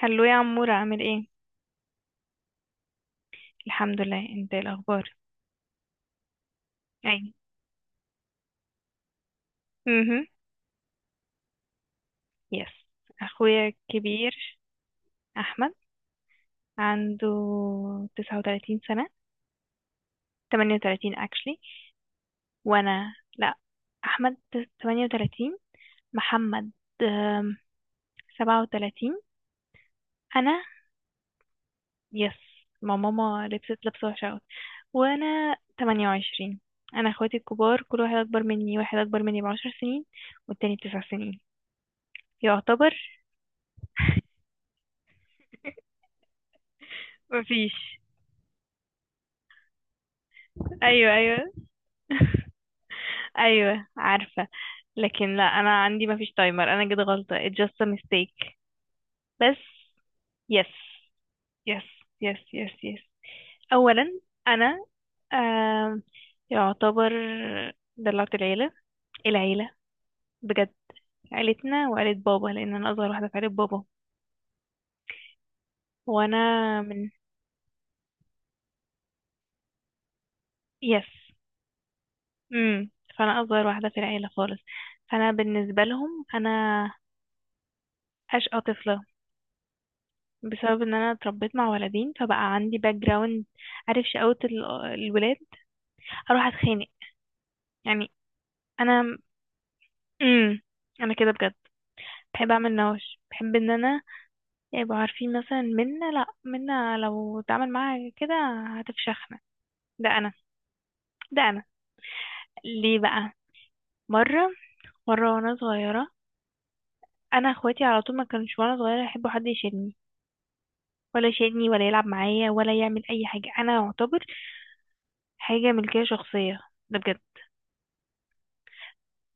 هلو يا عمور، عامل ايه؟ الحمد لله، انت إيه الاخبار؟ اي. امم يس. اخويا الكبير احمد عنده 39 سنة. 38 actually. وانا لا، احمد 38، محمد آم، 37. انا يس. ما ماما لبست لبسة وحشة أوي. وانا 28. انا اخواتي الكبار، كل واحد اكبر مني، واحد اكبر مني ب10 سنين والتاني ب9 سنين يعتبر. مفيش. ايوه ايوه. ايوه عارفه. لكن لا، انا عندي ما فيش تايمر، انا كده غلطه. it's just a mistake. بس. yes. yes. yes yes yes. اولا انا آم، يعتبر دلعت العيله، العيله بجد. عيلتنا وعيله بابا، لان انا اصغر واحده في عيله بابا. وانا من yes. امم فانا اصغر واحده في العيله خالص. فانا بالنسبه لهم انا اشقى طفله، بسبب ان انا اتربيت مع ولدين، فبقى عندي باك جراوند. عارف شقاوة الولاد. هروح اتخانق يعني. انا امم انا كده بجد بحب اعمل نوش، بحب ان انا يبقوا عارفين مثلا منا. لا، منا لو اتعامل معاها كده هتفشخنا. ده انا، ده انا، ليه بقى؟ مرة، مرة وانا صغيرة، انا اخواتي على طول ما كانش وانا صغيرة يحبوا حد يشيلني، ولا يشيلني ولا يلعب معايا ولا يعمل اي حاجة، انا اعتبر حاجة ملكية شخصية، ده بجد.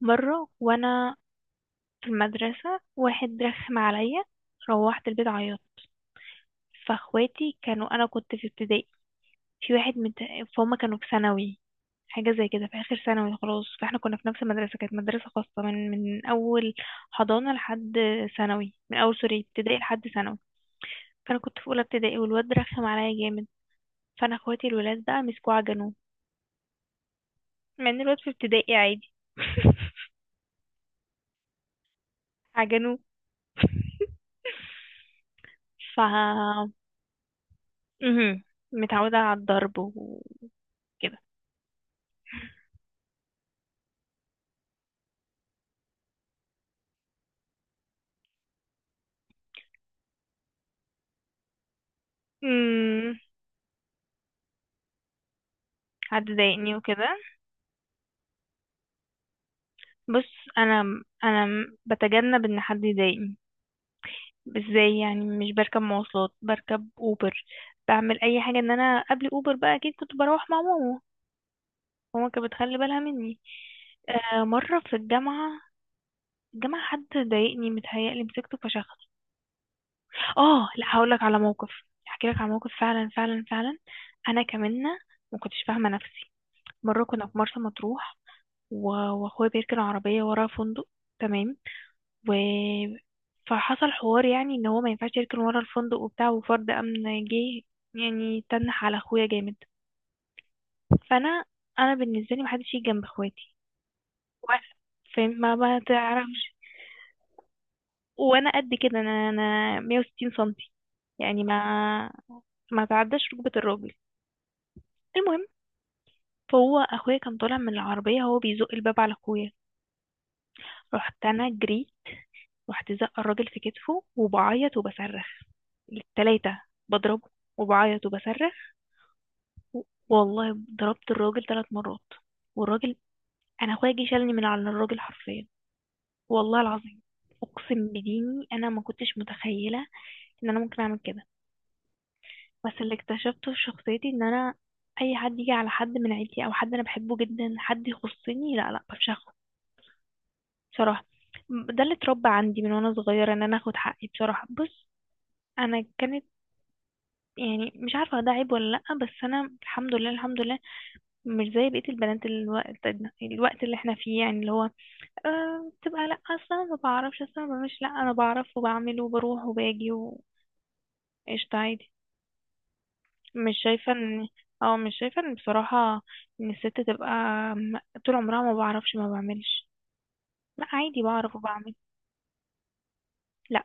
مرة وانا في المدرسة، واحد رخم عليا، روحت البيت عيطت. فاخواتي كانوا، أنا كنت في ابتدائي، في واحد من، فهم كانوا في ثانوي حاجة زي كده، في آخر ثانوي خلاص. فاحنا كنا في نفس المدرسة، كانت مدرسة خاصة من أول حضانة لحد ثانوي، من أول سوري، ابتدائي لحد ثانوي. فأنا كنت في أولى ابتدائي والواد رخم عليا جامد، فأنا اخواتي الولاد بقى مسكوه عجنوه. مع إن الواد في ابتدائي عادي. عجنوه. ف مهم. متعودة على الضرب وكده. امم حد ضايقني وكده. بص، انا انا بتجنب ان حد يضايقني. ازاي يعني؟ مش بركب مواصلات، بركب اوبر، بعمل اي حاجة، ان انا قبل اوبر بقى اكيد كنت بروح مع ماما. ماما كانت بتخلي بالها مني. آه، مرة في الجامعة، الجامعة حد ضايقني، متهيألي مسكته فشخص. اه لا، هقولك على موقف، هحكيلك على موقف فعلا فعلا فعلا. انا كمنة، ما كنتش فاهمة نفسي. مرة كنا في مرسى مطروح و- واخويا بيركن عربية ورا فندق، تمام؟ و فحصل حوار يعني ان هو ما ينفعش يركن ورا الفندق وبتاع، وفرد امن جه يعني تنح على اخويا جامد. فانا، انا بالنسبة لي محدش يجي جنب اخواتي وأنا- فاهم؟ ما تعرفش. وانا قد كده، انا 160 سنتي، يعني ما تعداش ركبة الراجل. المهم، فهو اخويا كان طالع من العربية، هو بيزق الباب على اخويا، رحت انا جريت، رحت زقه الراجل في كتفه وبعيط وبصرخ التلاتة، بضربه وبعيط وبصرخ. و- والله ضربت الراجل 3 مرات، والراجل، انا اخويا جه شالني من على الراجل حرفيا، والله العظيم، اقسم بديني انا ما كنتش متخيله ان انا ممكن اعمل كده. بس اللي اكتشفته في شخصيتي ان انا اي حد يجي على حد من عيلتي او حد انا بحبه جدا حد يخصني، لا لا، بفشخه بصراحه. ده اللي اتربى عندي من وانا صغيره، ان انا اخد حقي بصراحه. بص، انا كانت يعني، مش عارفة ده عيب ولا لأ، بس أنا الحمد لله الحمد لله مش زي بقية البنات الوقت، الوقت اللي احنا فيه، يعني اللي هو أه بتبقى لأ أصلا ما بعرفش، أصلا ما بعملش. لأ، أنا بعرف وبعمل وبروح وباجي وقشطة، عادي. مش شايفة إن، اه مش شايفة إن بصراحة إن الست تبقى م- طول عمرها ما بعرفش ما بعملش. لأ، عادي بعرف وبعمل. لأ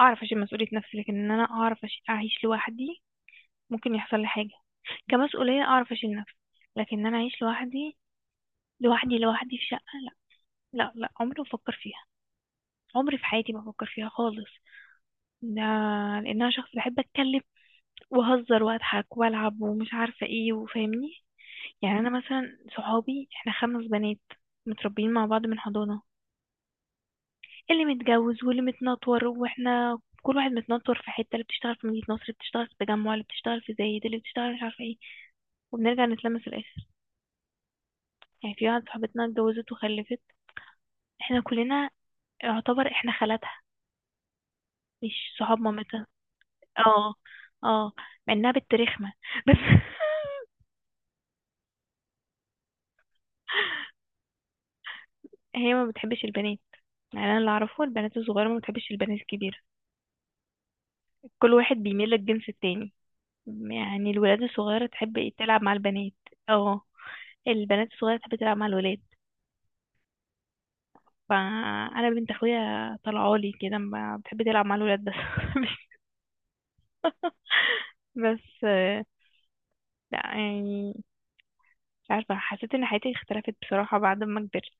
أعرف أشيل مسؤولية نفسي، لكن إن أنا أعرف أعيش لوحدي، ممكن يحصل لي حاجة. كمسؤولية أعرف أشيل نفسي، لكن إن أنا أعيش لوحدي، لوحدي لوحدي في شقة، لا لا لا، عمري ما بفكر فيها، عمري في حياتي ما بفكر فيها خالص. لا، لأن أنا شخص بحب أتكلم وأهزر وأضحك وألعب ومش عارفة إيه، وفاهمني يعني. أنا مثلا صحابي إحنا 5 بنات متربيين مع بعض من حضانة، اللي متجوز واللي متنطور وإحنا كل واحد متنطر في حتة، اللي بتشتغل في مدينة نصر، اللي بتشتغل في التجمع، اللي بتشتغل في زايد، اللي بتشتغل مش عارفة إيه، وبنرجع نتلمس في الآخر. يعني في واحدة صاحبتنا اتجوزت وخلفت، إحنا كلنا يعتبر إحنا خالاتها، مش صحاب مامتها. اه اه، مع انها بنت رخمة بس. هي ما بتحبش البنات. يعني انا اللي اعرفه البنات الصغيرة ما بتحبش البنات الكبيرة، كل واحد بيميل للجنس التاني. يعني الولاد الصغيرة تحب إيه؟ تلعب مع البنات. اه. البنات الصغيرة تحب تلعب مع الولاد. فانا بنت اخويا طلعالي كده، ما بتحب تلعب مع الولاد بس. مش- بس لا يعني، مش عارفة، حسيت ان حياتي اختلفت بصراحة بعد ما كبرت،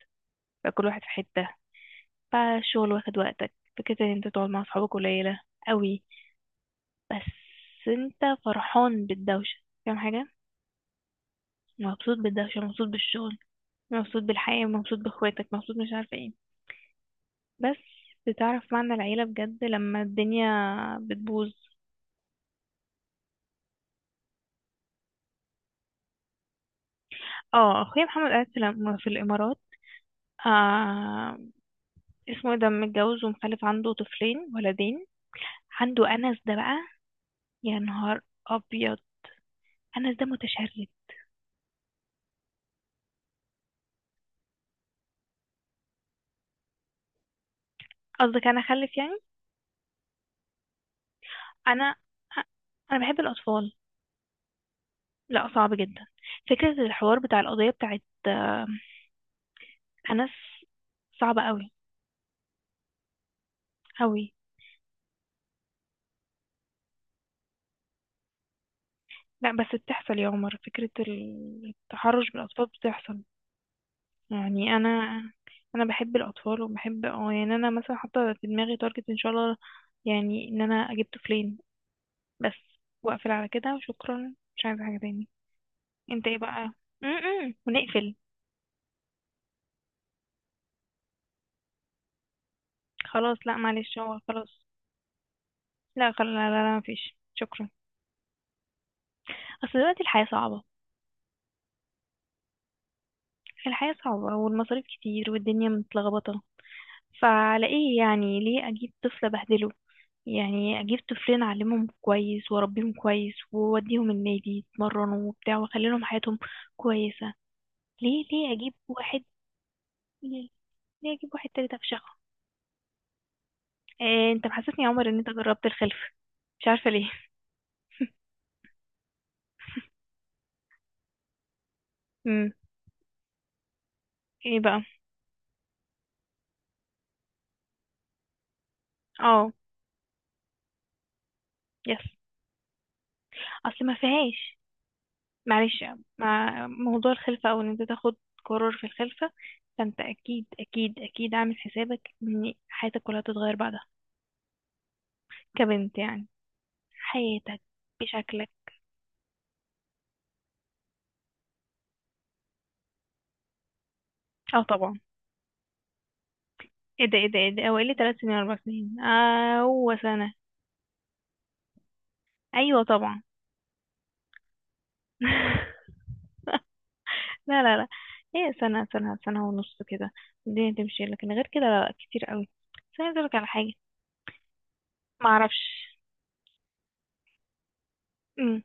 بقى كل واحد في حتة، فالشغل واخد وقتك، فكرة ان انت تقعد مع اصحابك قليلة قوي. بس انت فرحان بالدوشة، فاهم حاجة، مبسوط بالدوشة، مبسوط بالشغل، مبسوط بالحياة، مبسوط باخواتك، مبسوط مش عارفة ايه. بس بتعرف معنى العيلة بجد لما الدنيا بتبوظ. اه، اخويا محمد قاعد في في الامارات. آه، اسمه ايه ده، متجوز ومخلف، عنده طفلين، ولدين، عنده انس ده بقى. يا نهار ابيض، انس ده متشرد. قصدك انا اخلف يعني؟ انا، انا بحب الاطفال. لا صعب جدا، فكره الحوار بتاع القضيه بتاعت انس، صعبه قوي، قوي. لا بس بتحصل يا عمر، فكره التحرش بالاطفال بتحصل. يعني انا، انا بحب الاطفال وبحب اه يعني، انا مثلا حاطه في دماغي تارجت ان شاء الله يعني ان انا اجيب طفلين بس، واقفل على كده وشكرا، مش عايزه حاجه تاني. انت ايه بقى؟ م -م. ونقفل. خلاص لا معلش، هو خلاص، لا خلاص لا لا, لا، مفيش شكرا. اصل دلوقتي الحياة صعبة، الحياة صعبة والمصاريف كتير والدنيا متلخبطة. فعلى ايه يعني؟ ليه اجيب طفل ابهدله؟ يعني اجيب طفلين اعلمهم كويس واربيهم كويس واوديهم النادي يتمرنوا وبتاع، واخلي لهم حياتهم كويسة. ليه، ليه اجيب واحد، ليه, ليه اجيب واحد تالت افشخه؟ إيه، انت محسسني يا عمر ان انت جربت الخلف، مش عارفة ليه. امم ايه بقى؟ اه يس. اصل ما فيهاش معلش، مع موضوع الخلفة او ان انت تاخد قرار في الخلفة، فانت اكيد اكيد اكيد عامل حسابك ان حياتك كلها تتغير بعدها، كبنت يعني، حياتك بشكلك. اه طبعا، ايه ده ايه ده ايه ده، هو ايه لي 3 سنين 4 سنين؟ اه هو سنة. ايوه طبعا. لا لا لا، هي سنة سنة سنة ونص كده الدنيا تمشي، لكن غير كده لا لا، كتير قوي. بس أنا عايزة أقولك على حاجة. معرفش. أم،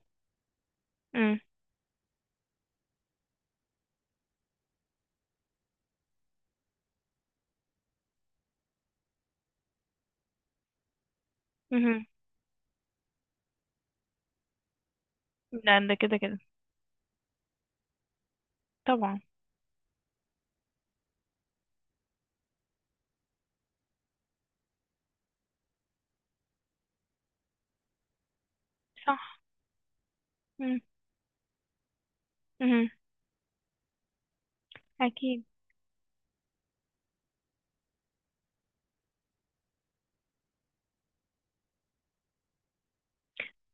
أم، مهم. لا ده كده كده طبعا صح. مهم. اكيد.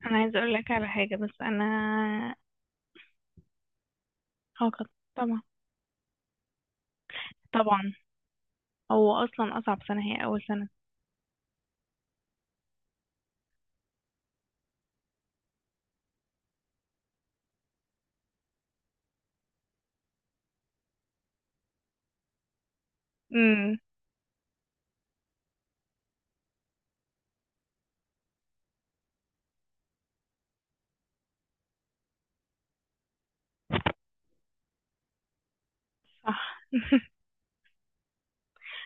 انا عايزه اقول لك على حاجه بس انا. اه طبعا طبعا. هو اصلا اصعب سنه هي اول سنه. امم صح.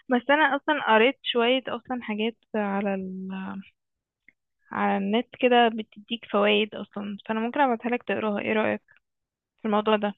بس انا اصلا قريت شويه اصلا حاجات على ال... على النت كده بتديك فوائد اصلا، فانا ممكن ابعتها لك تقراها. ايه رايك في الموضوع ده؟